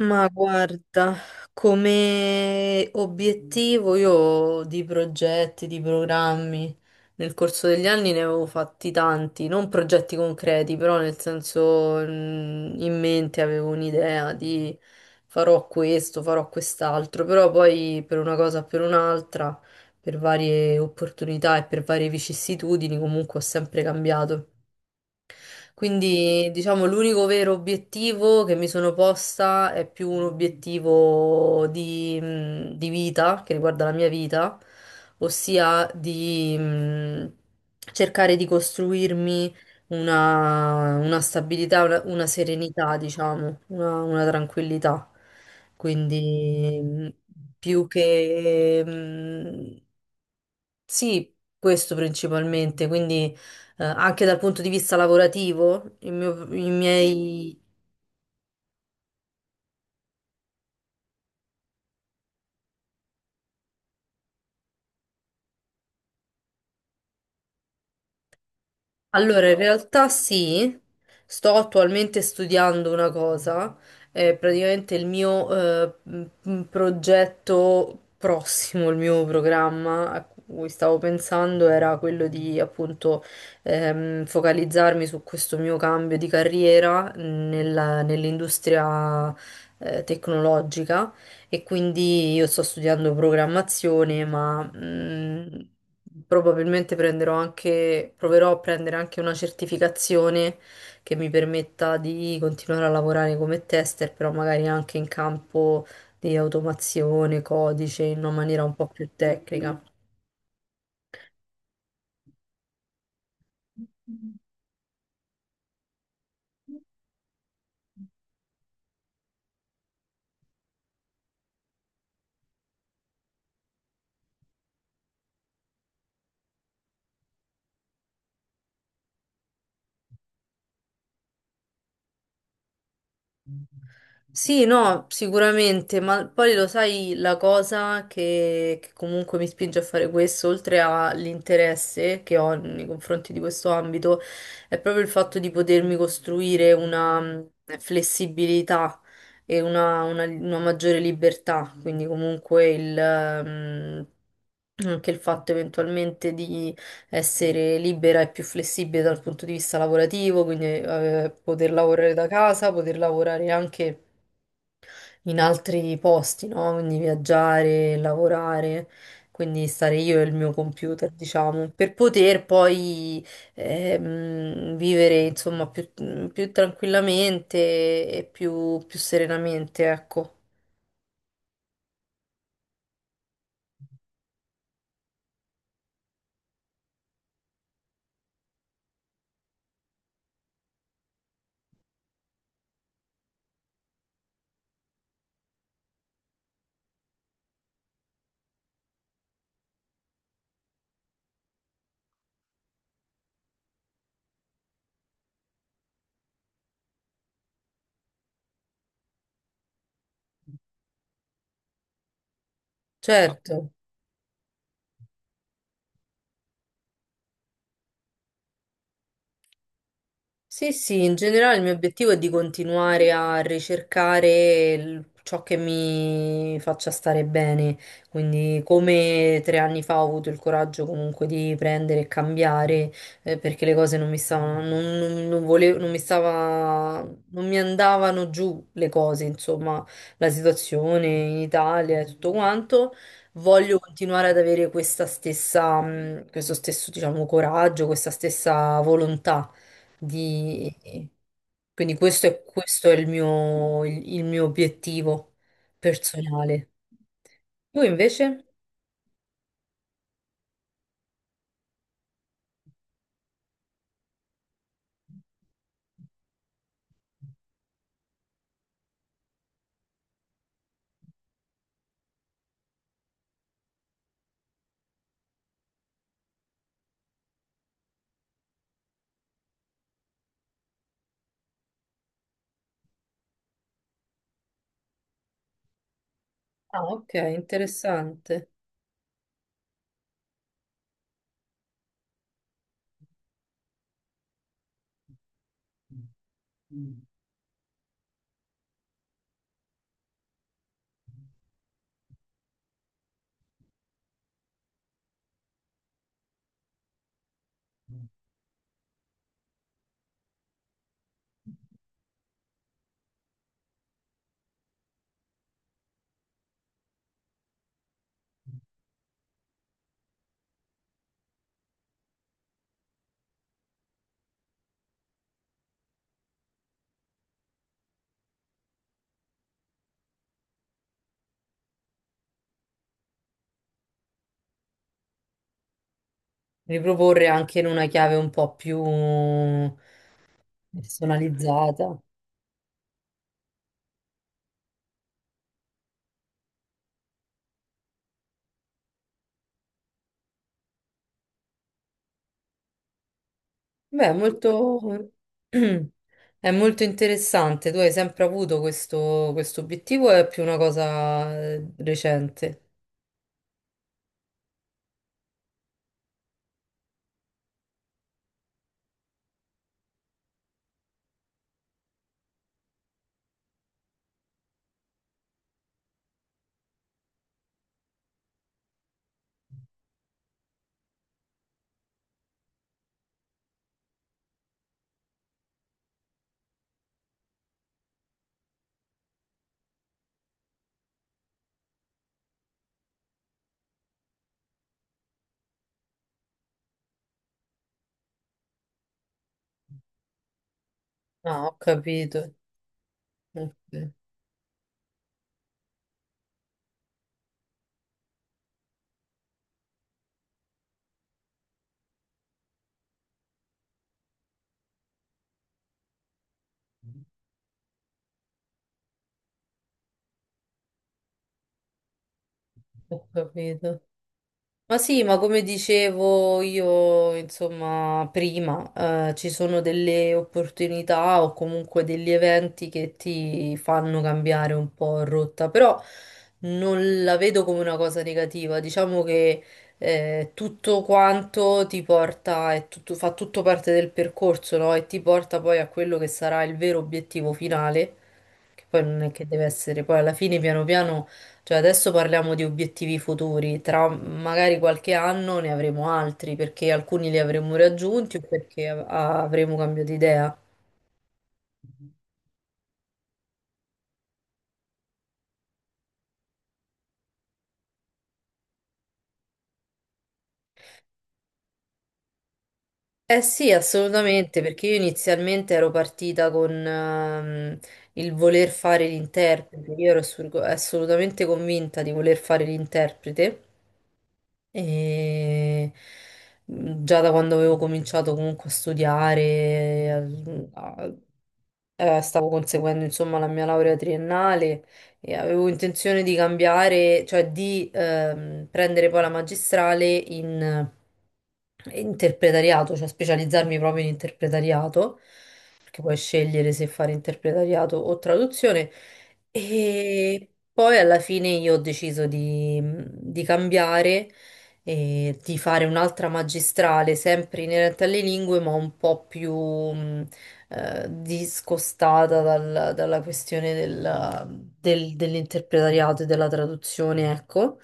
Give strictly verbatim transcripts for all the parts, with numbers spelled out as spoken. Ma guarda, come obiettivo io di progetti, di programmi, nel corso degli anni ne avevo fatti tanti, non progetti concreti, però nel senso mm, in mente avevo un'idea di farò questo, farò quest'altro, però poi per una cosa o per un'altra, per varie opportunità e per varie vicissitudini comunque ho sempre cambiato. Quindi, diciamo, l'unico vero obiettivo che mi sono posta è più un obiettivo di, mh, di vita, che riguarda la mia vita, ossia di mh, cercare di costruirmi una, una stabilità, una, una serenità, diciamo, una, una tranquillità. Quindi, mh, più che... mh, sì, questo principalmente. Quindi, eh, anche dal punto di vista lavorativo, il mio- i miei... Allora, in realtà sì, sto attualmente studiando una cosa, è praticamente il mio eh, m- m- progetto prossimo, il mio programma a cui stavo pensando era quello di appunto ehm, focalizzarmi su questo mio cambio di carriera nella- nell'industria eh, tecnologica. E quindi io sto studiando programmazione, ma mh, probabilmente prenderò anche, proverò a prendere anche una certificazione che mi permetta di continuare a lavorare come tester, però magari anche in campo di automazione, codice, in una maniera un po' più tecnica. Sì, no, sicuramente, ma poi lo sai, la cosa che, che comunque mi spinge a fare questo, oltre all'interesse che ho nei confronti di questo ambito, è proprio il fatto di potermi costruire una mh, flessibilità e una, una- una maggiore libertà, quindi comunque il, mh, anche il fatto eventualmente di essere libera e più flessibile dal punto di vista lavorativo, quindi eh, poter lavorare da casa, poter lavorare anche in altri posti, no? Quindi viaggiare, lavorare, quindi stare io e il mio computer, diciamo, per poter poi ehm, vivere, insomma, più, più tranquillamente e più, più serenamente, ecco. Certo. Sì, sì, in generale il mio obiettivo è di continuare a ricercare il- ciò che mi faccia stare bene, quindi come tre anni fa ho avuto il coraggio comunque di prendere e cambiare, eh, perché le cose non mi stavano, non, non- non volevo, non mi stava, non mi andavano giù le cose, insomma, la situazione in Italia e tutto quanto. Voglio continuare ad avere questa stessa, mh, questo stesso, diciamo, coraggio, questa stessa volontà di- Quindi questo è, questo è il mio, il, il mio obiettivo personale. Tu invece? Ah, ok, interessante. Riproporre anche in una chiave un po' più personalizzata. Beh, è molto... è molto interessante. Tu hai sempre avuto questo, questo obiettivo, o è più una cosa eh, recente? Ah, ho capito. Ok. Ho capito. Ma sì, ma come dicevo io, insomma, prima, eh, ci sono delle opportunità o comunque degli eventi che ti fanno cambiare un po' rotta, però non la vedo come una cosa negativa. Diciamo che eh, tutto quanto ti porta, è tutto- fa tutto parte del percorso, no? E ti porta poi a quello che sarà il vero obiettivo finale, che poi non è che deve essere, poi alla fine piano piano. Cioè, adesso parliamo di obiettivi futuri, tra magari qualche anno ne avremo altri, perché alcuni li avremo raggiunti o perché av- avremo cambiato idea. Eh sì, assolutamente, perché io inizialmente ero partita con ehm, il voler fare l'interprete, io ero assurgo- assolutamente convinta di voler fare l'interprete. E mm, già da quando avevo cominciato comunque a studiare, al- a- eh, stavo conseguendo insomma la mia laurea triennale e avevo intenzione di cambiare, cioè di ehm, prendere poi la magistrale in eh, interpretariato, cioè specializzarmi proprio in interpretariato, perché puoi scegliere se fare interpretariato o traduzione. E poi alla fine io ho deciso di, di cambiare e di fare un'altra magistrale sempre inerente alle lingue, ma un po' più mh, eh, discostata dal- dalla questione del- del- dell'interpretariato e della traduzione, ecco.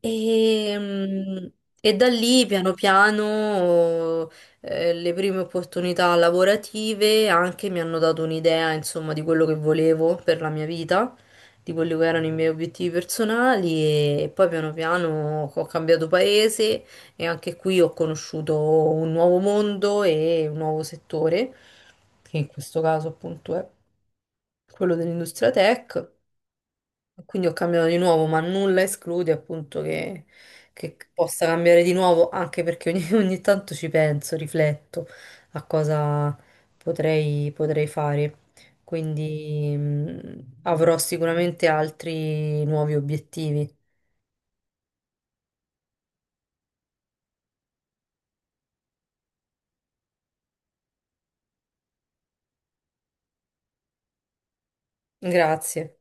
E, mh, e da lì piano piano eh, le prime opportunità lavorative anche mi hanno dato un'idea, insomma, di quello che volevo per la mia vita, di quelli che erano i miei obiettivi personali. E poi piano piano ho cambiato paese e anche qui ho conosciuto un nuovo mondo e un nuovo settore, che in questo caso appunto è quello dell'industria tech. Quindi ho cambiato di nuovo, ma nulla esclude appunto che, che possa cambiare di nuovo, anche perché ogni, ogni tanto ci penso, rifletto a cosa potrei, potrei fare. Quindi mh, avrò sicuramente altri nuovi obiettivi. Grazie.